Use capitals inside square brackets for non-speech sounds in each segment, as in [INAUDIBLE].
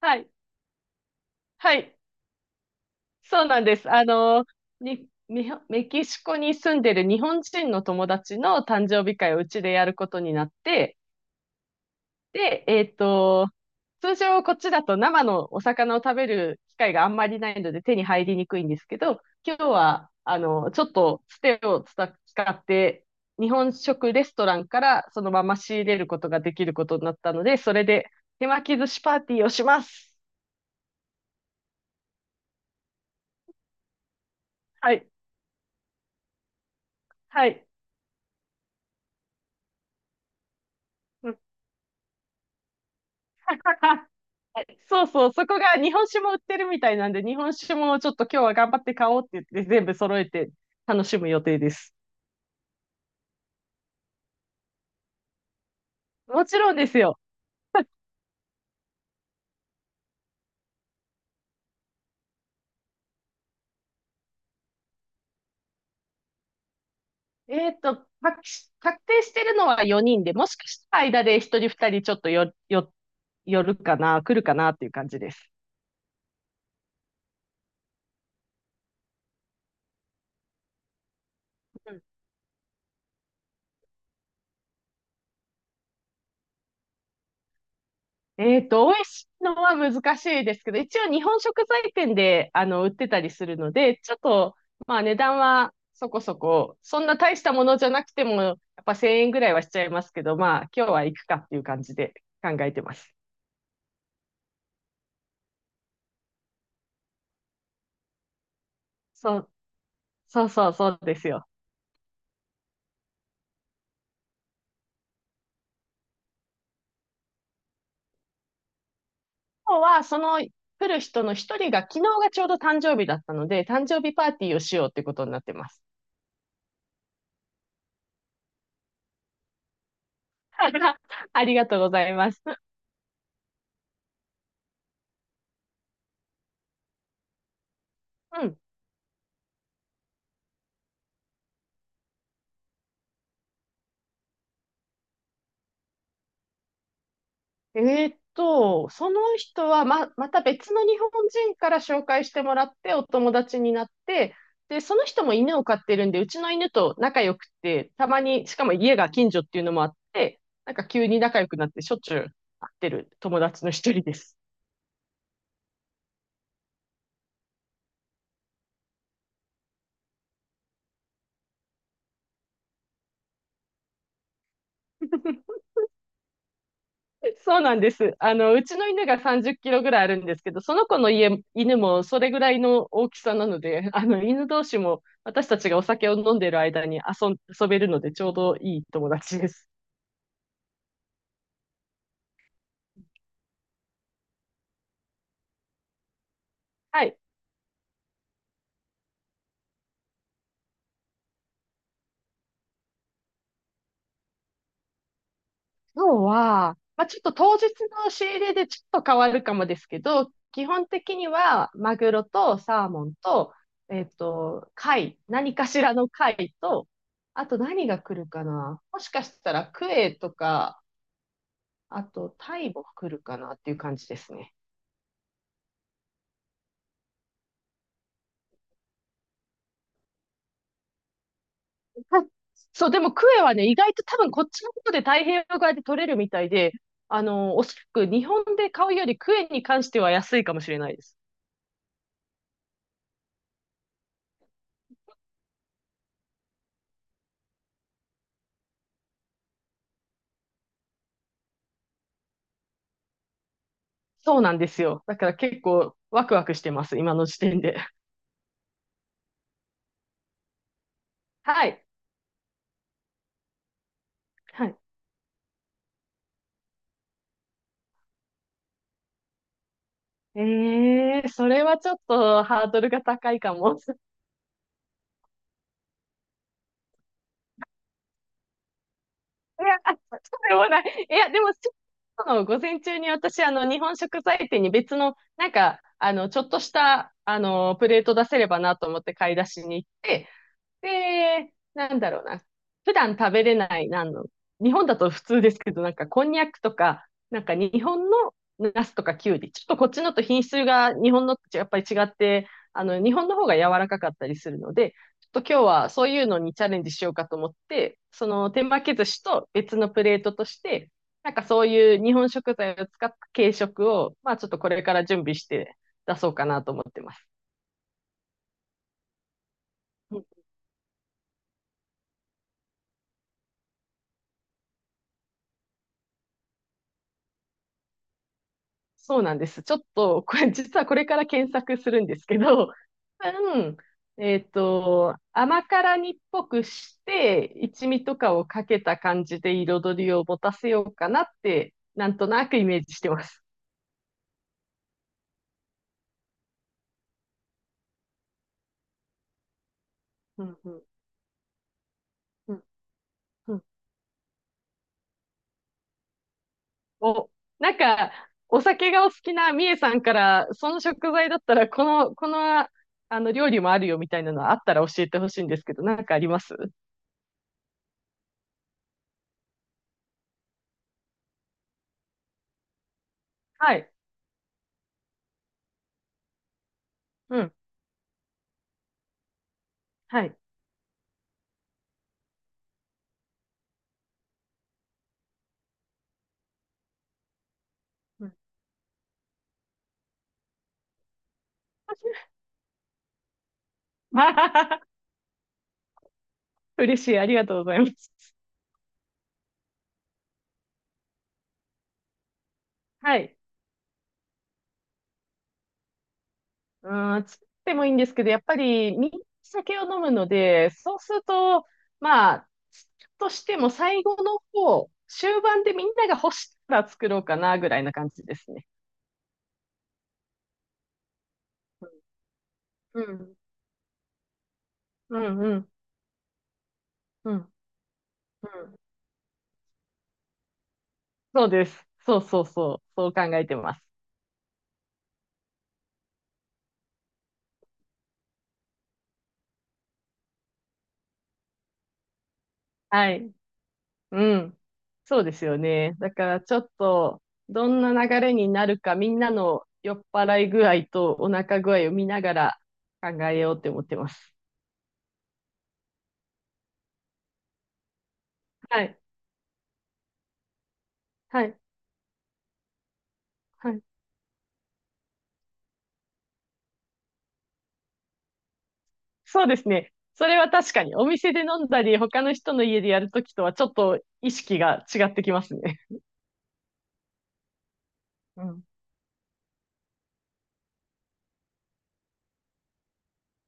はい。はい。そうなんです。みほメキシコに住んでる日本人の友達の誕生日会をうちでやることになって、で、通常こっちだと生のお魚を食べる機会があんまりないので手に入りにくいんですけど、今日は、ちょっとつてを使って、日本食レストランからそのまま仕入れることができることになったので、それで手巻き寿司パーティーをします。はい。はい。[LAUGHS] そうそう、そこが日本酒も売ってるみたいなんで、日本酒もちょっと今日は頑張って買おうって言って、全部揃えて楽しむ予定です。もちろんですよ。えっと、確確定してるのは4人で、もしかしたら間で1人2人ちょっと寄るかな、来るかなっていう感じです。美味しいのは難しいですけど、一応日本食材店で、売ってたりするので、ちょっと、まあ値段はそこそこ、そんな大したものじゃなくても、やっぱ1000円ぐらいはしちゃいますけど、まあ今日は行くかっていう感じで考えてます。そう、そうそうそうですよ。今日はその来る人の一人が昨日がちょうど誕生日だったので、誕生日パーティーをしようってことになってます。[LAUGHS] ありがとうございます。うん。えその人はまた別の日本人から紹介してもらってお友達になって、で、その人も犬を飼ってるんで、うちの犬と仲良くて、たまに、しかも家が近所っていうのもあって、なんか急に仲良くなってしょっちゅう会ってる友達の一人です。[LAUGHS] そうなんです。うちの犬が30キロぐらいあるんですけど、その子の家、犬もそれぐらいの大きさなので、犬同士も私たちがお酒を飲んでる間に遊べるので、ちょうどいい友達です。はい。今日は、まあ、ちょっと当日の仕入れでちょっと変わるかもですけど、基本的にはマグロとサーモンと、貝、何かしらの貝と、あと何が来るかな。もしかしたらクエとか、あとタイも来るかなっていう感じですね。はい。そう、でもクエはね、意外と多分こっちの方で太平洋側で取れるみたいで、おそらく日本で買うよりクエに関しては安いかもしれないです。そうなんですよ。だから結構ワクワクしてます、今の時点で。[LAUGHS] はい。はい。それはちょっとハードルが高いかも。[LAUGHS] いや、あそうでもない。いや、でも、今日の午前中に私、日本食材店に別の、なんか、ちょっとした、プレート出せればなと思って買い出しに行って、で、なんだろうな。普段食べれない、なんの、日本だと普通ですけど、なんかこんにゃくとか、なんか日本のナスとかきゅうり、ちょっとこっちのと品質が日本のとやっぱり違って、日本の方が柔らかかったりするので、ちょっと今日はそういうのにチャレンジしようかと思って、その手巻き寿司と別のプレートとして、なんかそういう日本食材を使った軽食を、まあちょっとこれから準備して出そうかなと思ってます。そうなんです。ちょっと、これ、[LAUGHS] 実はこれから検索するんですけど、[LAUGHS] 多分、甘辛煮っぽくして、一味とかをかけた感じで彩りを持たせようかなって、なんとなくイメージしてます。うん。うん。うん。うん。お、なんか、お酒がお好きなみえさんから、その食材だったら、この、料理もあるよみたいなのあったら教えてほしいんですけど、なんかあります？はい。うん。はい。うん。 [LAUGHS] 嬉しい。ありがとうございます。はい。うん、作ってもいいんですけど、やっぱり、みんな酒を飲むので、そうすると、まあ、作るとしても最後の方、終盤でみんなが欲したら作ろうかな、ぐらいな感じですね。うん、うん、うん、うん、うん。そうです。そうそうそう。そう考えてます。はい。うん。そうですよね。だからちょっと、どんな流れになるか、みんなの酔っ払い具合とお腹具合を見ながら考えようって思ってます。はい。はい。はい。そうですね。それは確かに、お店で飲んだり、他の人の家でやるときとはちょっと意識が違ってきますね。うん。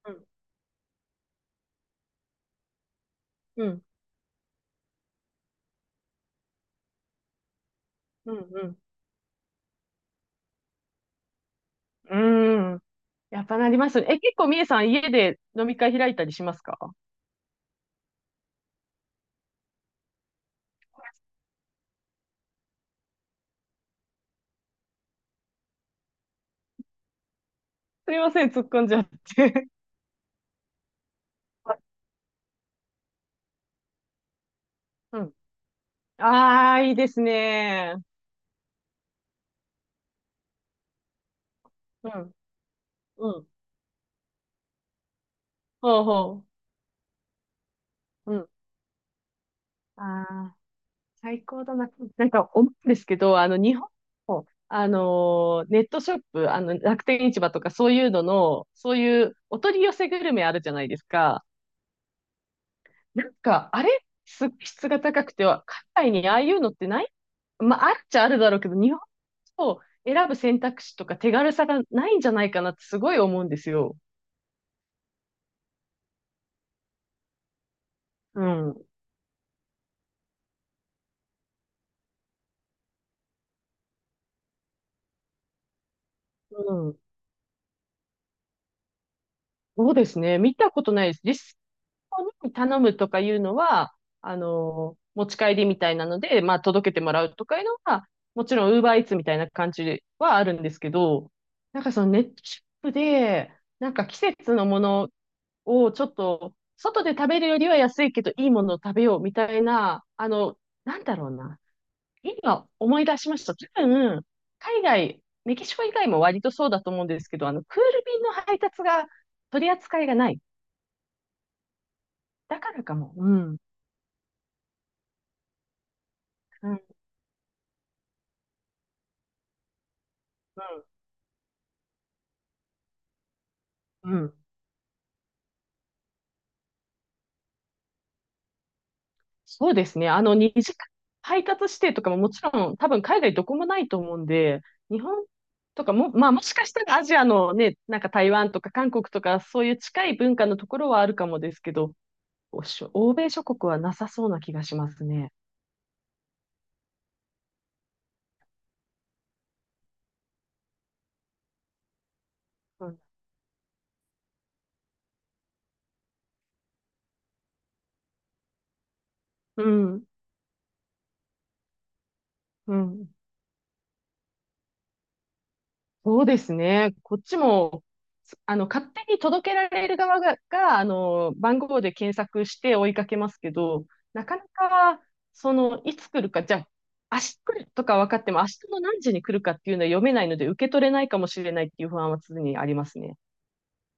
うん。うん。うん。うんうんやっぱなりますね。結構みえさん、家で飲み会開いたりしますか？すみません、突っ込んじゃって。[LAUGHS] はい。うん。ああ、いいですね。うん、うん。ほうほう。うん。ああ、最高だな。なんか思うんですけど、日本の、ネットショップ、楽天市場とかそういうのの、そういうお取り寄せグルメあるじゃないですか。なんか、あれ、すごい質が高くては、海外にああいうのってない？まあ、あるっちゃあるだろうけど、日本を選ぶ選択肢とか手軽さがないんじゃないかなってすごい思うんですよ。うん。うん。そうですね。見たことないです。実に頼むとかいうのは、持ち帰りみたいなので、まあ、届けてもらうとかいうのは、もちろん、ウーバーイーツみたいな感じはあるんですけど、なんかそのネットショップで、なんか季節のものをちょっと、外で食べるよりは安いけど、いいものを食べようみたいな、なんだろうな。今思い出しました。多分、海外、メキシコ以外も割とそうだと思うんですけど、クール便の配達が取り扱いがない。だからかも。うん。うん、うん。うん。そうですね。二次配達指定とかももちろん、多分海外どこもないと思うんで、日本とかも、まあもしかしたらアジアのね、なんか台湾とか韓国とか、そういう近い文化のところはあるかもですけど、おしょ欧米諸国はなさそうな気がしますね。うん。うん。うん。そうですね。こっちも、勝手に届けられる側が、番号で検索して追いかけますけど、なかなか、いつ来るか、じゃあ、明日来るとか分かっても、明日の何時に来るかっていうのは読めないので、受け取れないかもしれないっていう不安は常にありますね。